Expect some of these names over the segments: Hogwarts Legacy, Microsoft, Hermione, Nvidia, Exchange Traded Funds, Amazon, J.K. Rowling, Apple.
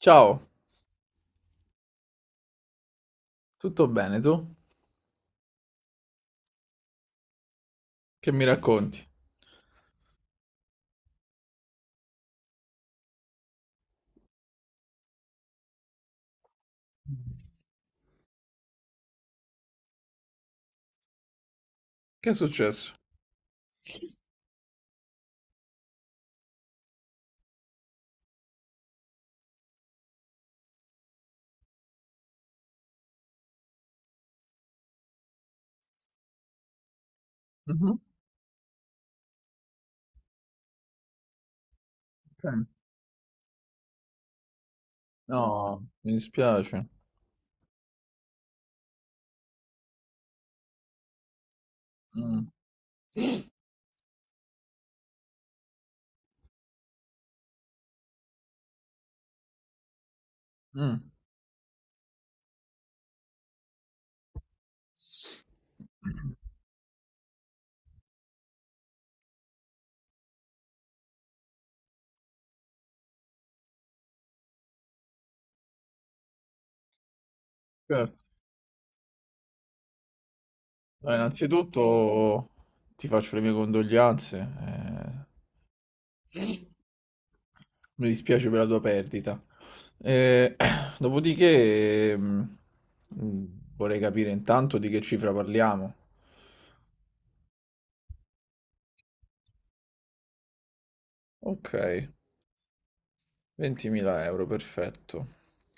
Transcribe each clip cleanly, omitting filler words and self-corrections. Ciao, tutto bene tu? Che mi racconti? Che è successo? Mhm, ok. No, mi dispiace. Mm. Mm, certo. Allora, innanzitutto ti faccio le mie condoglianze. Mi dispiace per la tua perdita. Eh, Dopodiché, vorrei capire intanto di che cifra parliamo. Ok. 20.000 euro, perfetto.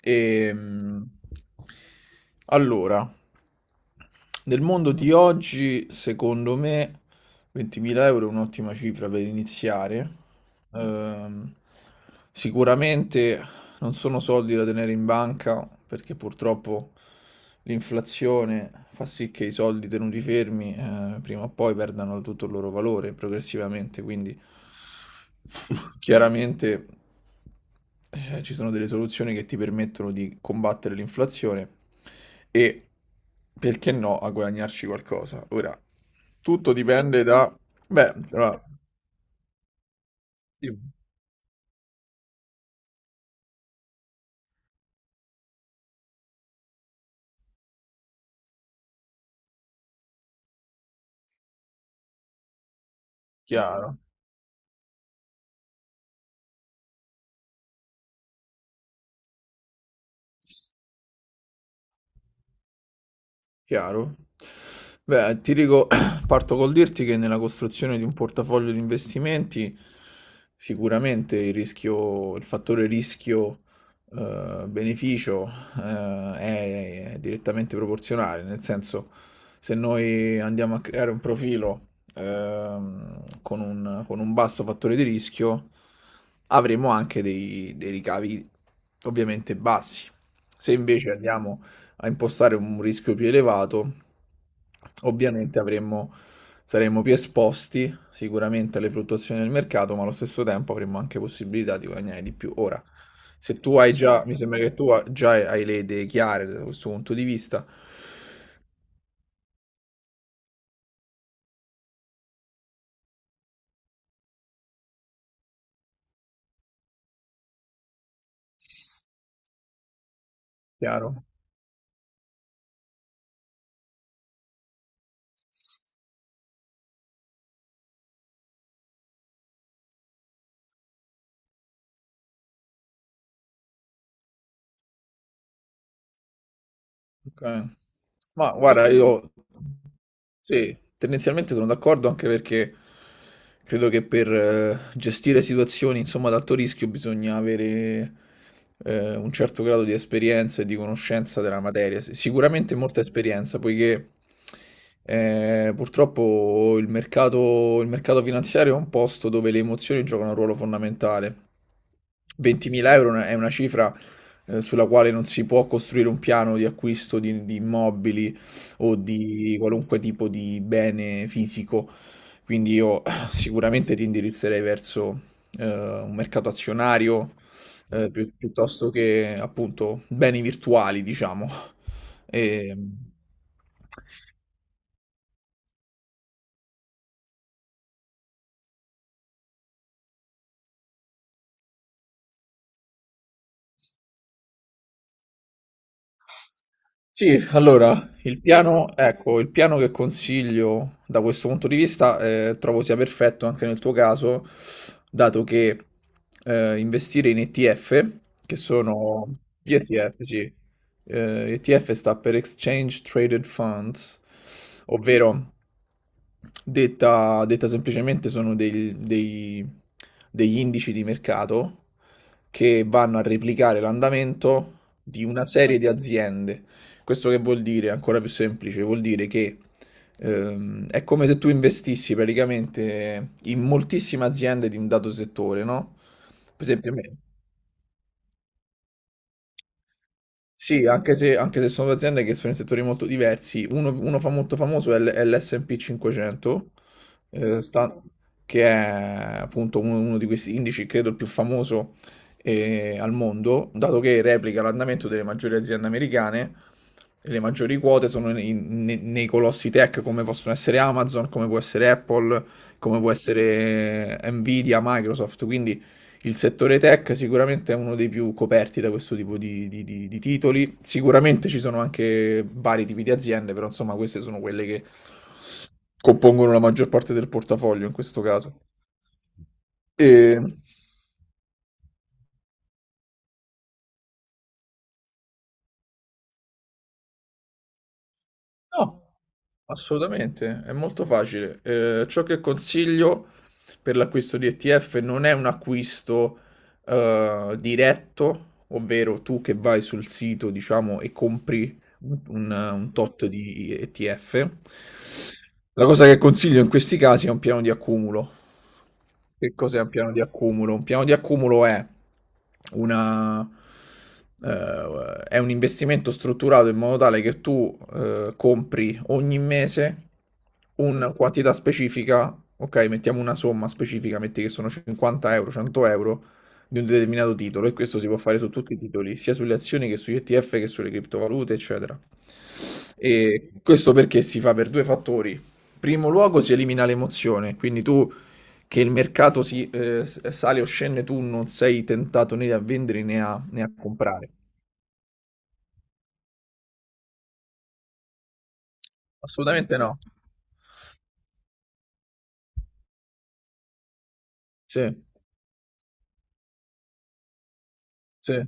Ehm, allora, nel mondo di oggi, secondo me, 20.000 euro è un'ottima cifra per iniziare. Ehm, sicuramente non sono soldi da tenere in banca perché purtroppo l'inflazione fa sì che i soldi tenuti fermi, prima o poi perdano tutto il loro valore progressivamente, quindi chiaramente, ci sono delle soluzioni che ti permettono di combattere l'inflazione e, perché no, a guadagnarci qualcosa. Ora, tutto dipende da. Beh, allora, sì, chiaro. Chiaro. Beh, ti dico, parto col dirti che nella costruzione di un portafoglio di investimenti sicuramente il rischio, il fattore rischio beneficio eh, è direttamente proporzionale, nel senso se noi andiamo a creare un profilo con un basso fattore di rischio avremo anche dei ricavi ovviamente bassi. Se invece andiamo a impostare un rischio più elevato, ovviamente avremmo, saremmo più esposti sicuramente alle fluttuazioni del mercato, ma allo stesso tempo avremmo anche possibilità di guadagnare di più. Ora, se tu hai già, mi sembra che tu già hai le idee chiare da questo punto di vista, chiaro? Ok. Ma guarda, io sì, tendenzialmente sono d'accordo anche perché credo che per gestire situazioni, insomma, ad alto rischio bisogna avere un certo grado di esperienza e di conoscenza della materia. Sì, sicuramente molta esperienza, poiché purtroppo il mercato finanziario è un posto dove le emozioni giocano un ruolo fondamentale. 20.000 euro è una cifra sulla quale non si può costruire un piano di acquisto di immobili o di qualunque tipo di bene fisico. Quindi io sicuramente ti indirizzerei verso un mercato azionario, piuttosto che appunto beni virtuali, diciamo. E, Sì, allora, il piano, ecco, il piano che consiglio da questo punto di vista trovo sia perfetto anche nel tuo caso, dato che investire in ETF, che sono gli ETF, sì, ETF sta per Exchange Traded Funds, ovvero detta semplicemente sono degli indici di mercato che vanno a replicare l'andamento di una serie di aziende. Questo che vuol dire, ancora più semplice, vuol dire che è come se tu investissi praticamente in moltissime aziende di un dato settore, no? Per esempio, sì, anche se sono due aziende che sono in settori molto diversi, uno fa molto famoso è l'S&P 500, eh, sta- che è appunto uno di questi indici, credo il più famoso al mondo, dato che replica l'andamento delle maggiori aziende americane, e le maggiori quote sono nei colossi tech come possono essere Amazon, come può essere Apple, come può essere Nvidia, Microsoft. Quindi il settore tech sicuramente è uno dei più coperti da questo tipo di titoli. Sicuramente ci sono anche vari tipi di aziende, però insomma queste sono quelle che compongono la maggior parte del portafoglio in questo caso. E... No, assolutamente, è molto facile. Ciò che consiglio per l'acquisto di ETF non è un acquisto diretto, ovvero tu che vai sul sito, diciamo, e compri un tot di ETF. La cosa che consiglio in questi casi è un piano di accumulo. Che cos'è un piano di accumulo? Un piano di accumulo è una, un investimento strutturato in modo tale che tu compri ogni mese una quantità specifica, ok, mettiamo una somma specifica, metti che sono 50 euro, 100 euro, di un determinato titolo, e questo si può fare su tutti i titoli, sia sulle azioni che sugli ETF che sulle criptovalute, eccetera. E questo perché si fa per due fattori. Primo luogo, si elimina l'emozione, quindi tu, che il mercato si sale o scende, tu non sei tentato né a vendere né a comprare. Assolutamente no. Sì, sì.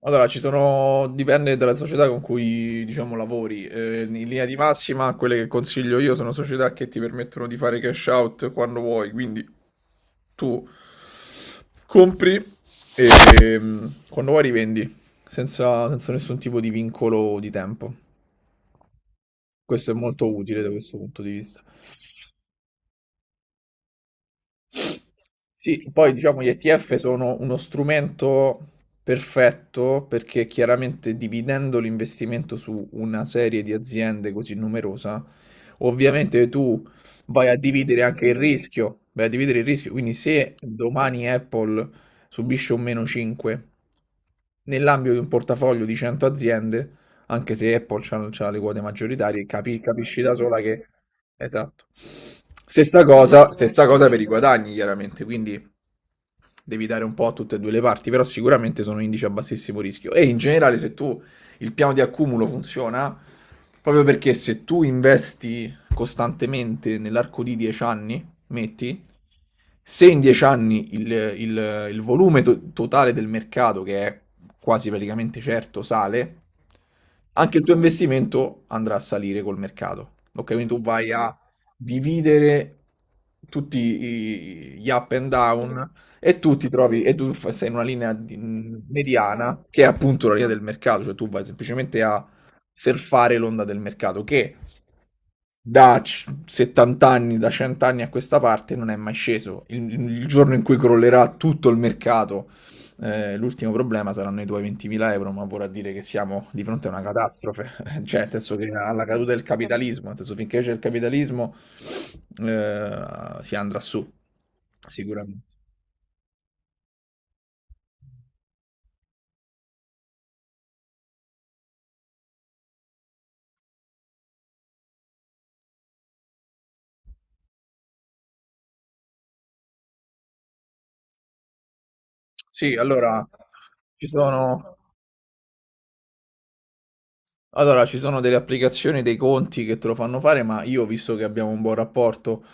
Allora, ci sono dipende dalla società con cui, diciamo, lavori. In linea di massima, quelle che consiglio io sono società che ti permettono di fare cash out quando vuoi, quindi tu compri e, quando vuoi, rivendi, senza nessun tipo di vincolo di tempo. Questo è molto utile da questo punto di vista. Sì, poi diciamo gli ETF sono uno strumento perfetto perché, chiaramente, dividendo l'investimento su una serie di aziende così numerosa, ovviamente tu vai a dividere anche il rischio, vai a dividere il rischio, quindi se domani Apple subisce un meno 5 nell'ambito di un portafoglio di 100 aziende, anche se Apple c'ha le quote maggioritarie, capisci da sola che. Esatto. Stessa cosa per i guadagni, chiaramente, quindi devi dare un po' a tutte e due le parti, però sicuramente sono indici a bassissimo rischio. E in generale, se tu il piano di accumulo funziona, proprio perché se tu investi costantemente nell'arco di 10 anni, metti, se in 10 anni il volume totale del mercato, che è quasi praticamente certo, sale, anche il tuo investimento andrà a salire col mercato. Ok, quindi tu vai a dividere tutti gli up and down, e tu ti trovi, e tu sei in una linea mediana, che è appunto la linea del mercato, cioè tu vai semplicemente a surfare l'onda del mercato, che 70 anni, da 100 anni a questa parte non è mai sceso. Il giorno in cui crollerà tutto il mercato, l'ultimo problema saranno i tuoi 20.000 euro, ma vorrà dire che siamo di fronte a una catastrofe, cioè, nel senso, che alla caduta del capitalismo, nel senso, finché c'è il capitalismo si andrà su, sicuramente. Sì, ci sono, allora, ci sono delle applicazioni, dei conti che te lo fanno fare, ma io, visto che abbiamo un buon rapporto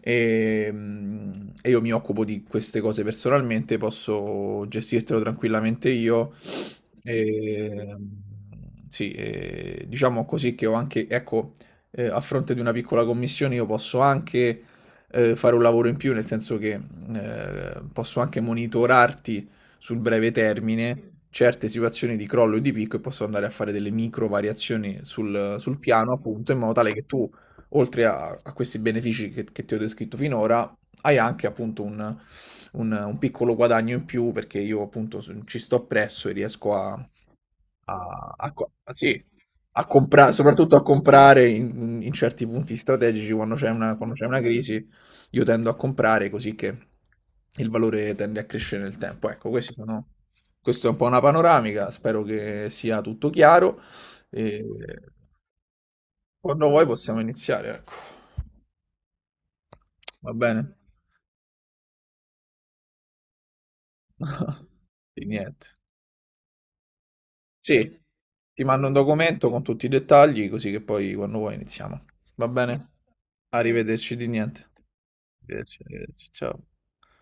e io mi occupo di queste cose personalmente, posso gestirtelo tranquillamente io. Ehm, sì, diciamo così, che ho anche, ecco, a fronte di una piccola commissione io posso anche, fare un lavoro in più, nel senso che, posso anche monitorarti sul breve termine, certe situazioni di crollo e di picco, e posso andare a fare delle micro variazioni sul piano, appunto, in modo tale che tu, oltre a questi benefici che ti ho descritto finora, hai anche appunto un, un piccolo guadagno in più, perché io appunto ci sto presso e riesco a sì, a comprare, soprattutto a comprare in certi punti strategici, quando c'è una, crisi, io tendo a comprare, così che il valore tende a crescere nel tempo. Ecco, questi sono, questa è un po' una panoramica, spero che sia tutto chiaro, e quando vuoi possiamo iniziare, ecco. Va bene? Di niente. Sì, ti mando un documento con tutti i dettagli, così che poi quando vuoi iniziamo. Va bene? Arrivederci. Di niente. Arrivederci, arrivederci. Ciao.